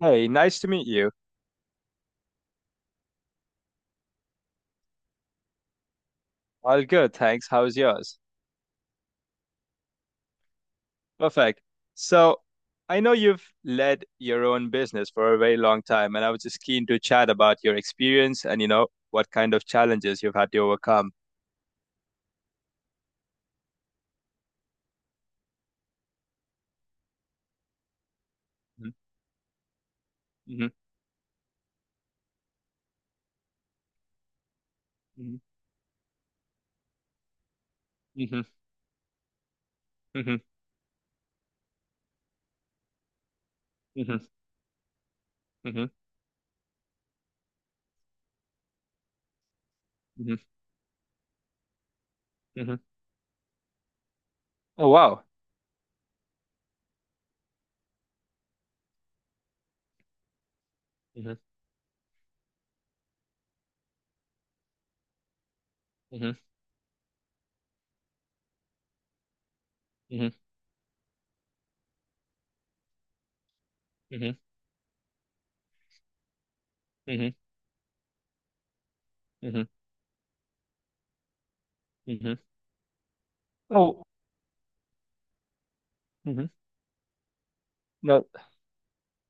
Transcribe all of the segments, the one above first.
Hey, nice to meet you. All good, thanks. How's yours? Perfect. So, I know you've led your own business for a very long time, and I was just keen to chat about your experience and, you know, what kind of challenges you've had to overcome. Mm-hmm. Hmm, hmm, hmm, hmm, hmm, hmm, hmm. Oh, wow. Hmm, hmm, hmm, hmm, hmm, hmm, hmm. Oh, hmm. No,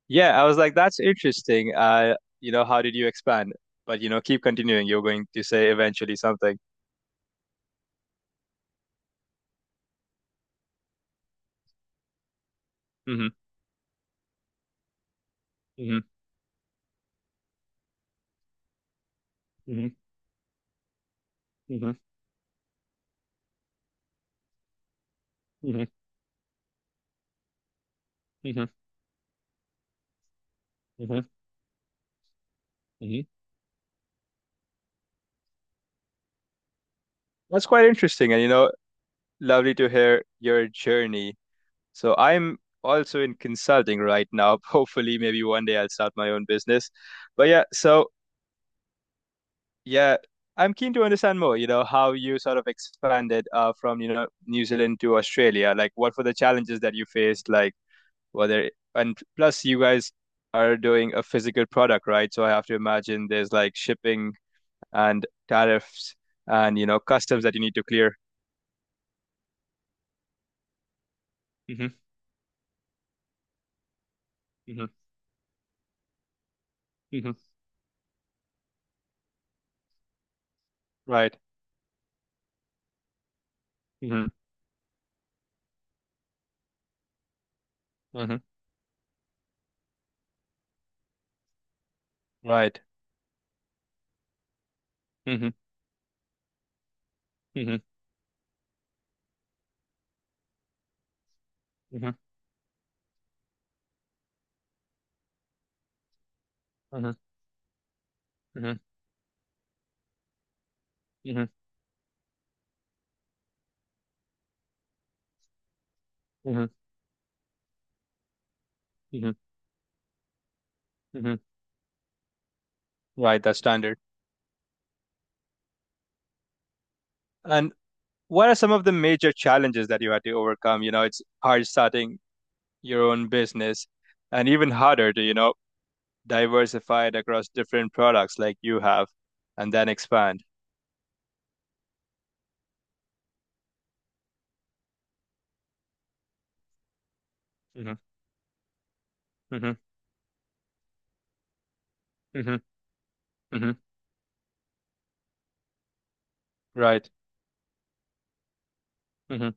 yeah, I was like, that's interesting. You know, how did you expand? But, you know, keep continuing. You're going to say eventually something. Hmm, hmm, hmm, hmm, hmm, hmm, hmm, hmm. That's quite interesting, and you know, lovely to hear your journey. So I'm also in consulting right now. Hopefully, maybe one day I'll start my own business. But yeah, so yeah, I'm keen to understand more, you know, how you sort of expanded from, you know, New Zealand to Australia. Like, what were the challenges that you faced? Like, whether, and plus, you guys are doing a physical product, right? So I have to imagine there's like shipping and tariffs and you know customs that you need to clear. Hmm, hmm, hmm. Right. Hmm, hmm. Right. Hmm, hmm, hmm, hmm, hmm, hmm, hmm, hmm, hmm. Right. That's standard. And what are some of the major challenges that you had to overcome? You know, it's hard starting your own business, and even harder to you know diversify it across different products like you have, and then expand. Hmm, hmm, hmm, hmm. Right. Hmm,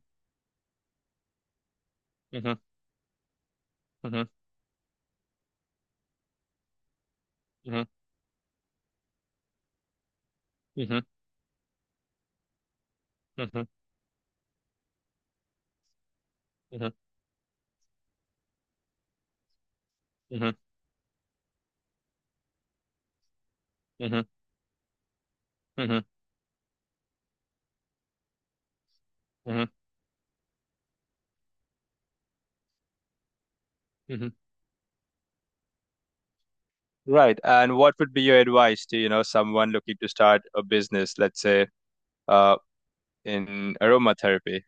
hmm, hmm, hmm, hmm, hmm, hmm, hmm, hmm, hmm, hmm. Right. And what would be your advice to, you know, someone looking to start a business, let's say, uh, in aromatherapy?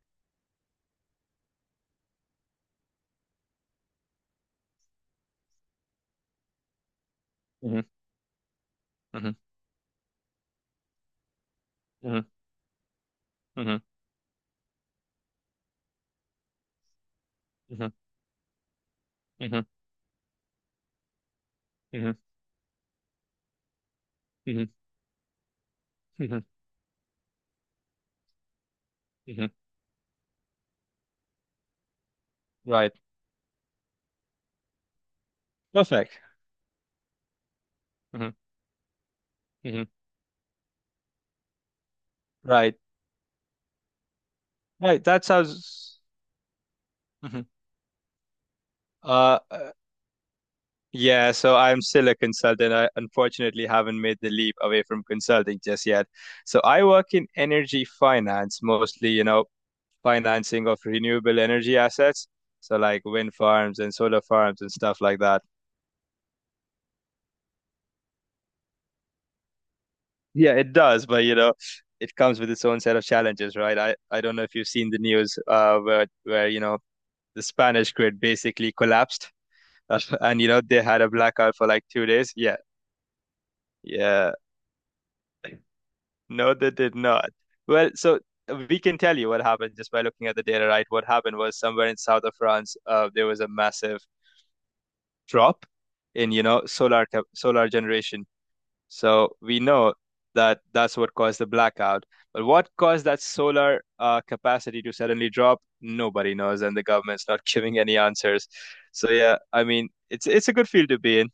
Mm-hmm. Hmm, hmm, hmm, hmm, hmm, hmm, hmm, hmm. Right. Perfect. Hmm, hmm. Right. Right. That sounds. Hmm. Uh, uh, yeah. So I'm still a consultant. I unfortunately haven't made the leap away from consulting just yet. So I work in energy finance, mostly, you know, financing of renewable energy assets. So like wind farms and solar farms and stuff like that. Yeah, it does, but you know, it comes with its own set of challenges, right? I don't know if you've seen the news where you know the Spanish grid basically collapsed, and you know they had a blackout for like 2 days. Yeah, yeah, no, they did not. Well, so we can tell you what happened just by looking at the data, right? What happened was somewhere in south of France, there was a massive drop in you know solar solar generation. So we know that that's what caused the blackout. But what caused that solar capacity to suddenly drop? Nobody knows, and the government's not giving any answers. So yeah, I mean, it's a good field to be in.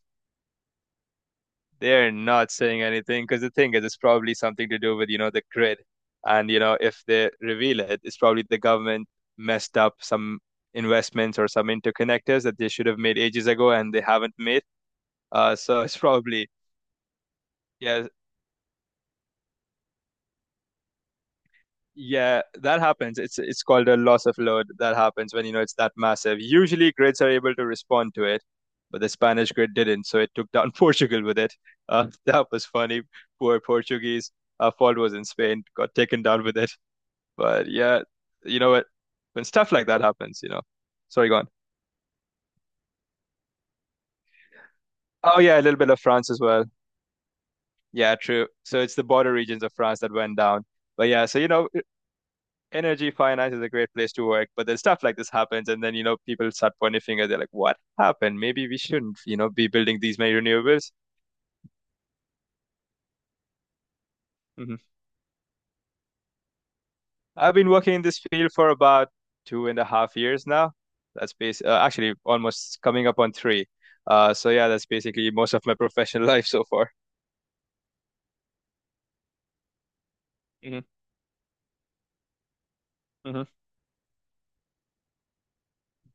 They're not saying anything because the thing is, it's probably something to do with, you know, the grid. And, you know, if they reveal it, it's probably the government messed up some investments or some interconnectors that they should have made ages ago and they haven't made. Uh, so it's probably, yeah, Yeah, that happens. It's called a loss of load. That happens when you know it's that massive. Usually grids are able to respond to it, but the Spanish grid didn't, so it took down Portugal with it. That was funny. Poor Portuguese. Our fault was in Spain, got taken down with it. But yeah, you know what? When stuff like that happens, you know. Sorry, go on. Oh yeah, a little bit of France as well. Yeah, true. So it's the border regions of France that went down. But yeah, so you know, energy finance is a great place to work, but then stuff like this happens, and then you know people start pointing finger. They're like, "What happened? Maybe we shouldn't, you know, be building these many renewables." Hmm. I've been working in this field for about 2.5 years now. That's basically actually almost coming up on three. So yeah, that's basically most of my professional life so far. Hmm, hmm.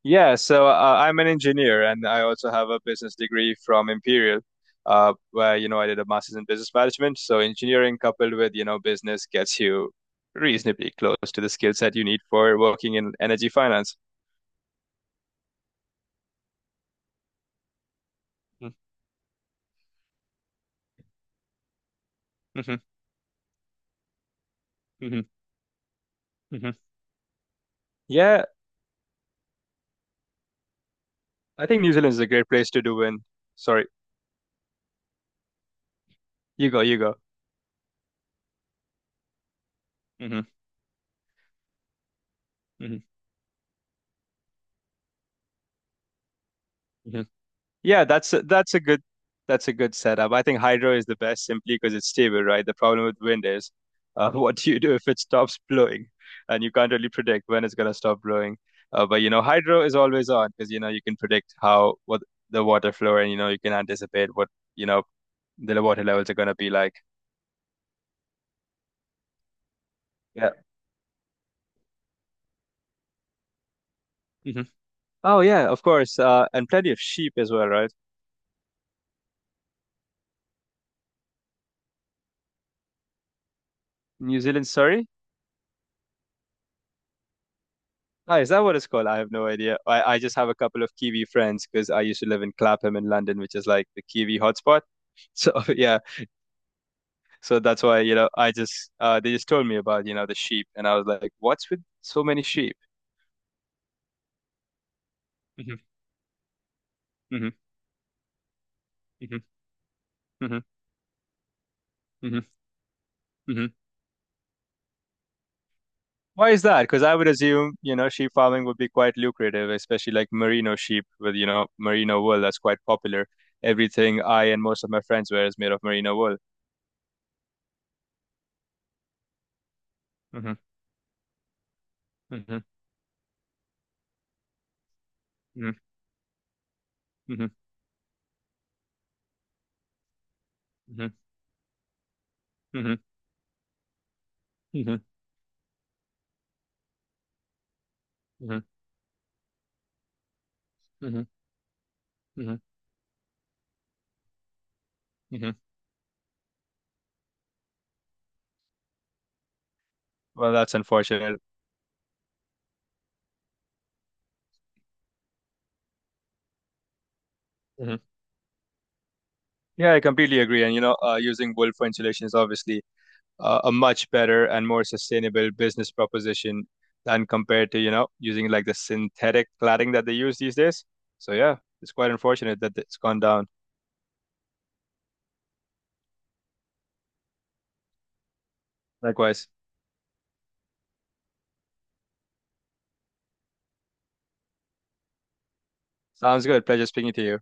Yeah, so I'm an engineer and I also have a business degree from Imperial, where, you know, I did a master's in business management. So engineering coupled with, you know, business gets you reasonably close to the skill set you need for working in energy finance. Mm-hmm. Hmm, hmm. Yeah, I think New Zealand is a great place to do in. Sorry, you go. Hmm, hmm. Yeah, that's a good setup. I think hydro is the best simply because it's stable, right? The problem with wind is what do you do if it stops blowing, and you can't really predict when it's gonna stop blowing. But you know, hydro is always on because you know you can predict how what the water flow and you know you can anticipate what you know the water levels are gonna be like. Yeah. Hmm. Oh yeah, of course. And plenty of sheep as well, right? New Zealand, Surrey. Oh, is that what it's called? I have no idea. I just have a couple of Kiwi friends because I used to live in Clapham in London, which is like the Kiwi hotspot. So yeah, so that's why, you know, I just they just told me about, you know, the sheep and I was like, what's with so many sheep? Hmm, hmm, hmm, hmm, hmm, hmm. Why is that? Because I would assume, you know, sheep farming would be quite lucrative, especially like merino sheep with, you know, merino wool that's quite popular. Everything I and most of my friends wear is made of merino wool. Hmm, hmm, hmm, hmm, hmm, hmm, hmm, hmm, hmm, hmm. Well, that's unfortunate. Hmm. Yeah, I completely agree. And you know, using wool for insulation is obviously a much better and more sustainable business proposition than compared to, you know, using like the synthetic cladding that they use these days. So yeah, it's quite unfortunate that it's gone down. Likewise. Sounds good. Pleasure speaking to you.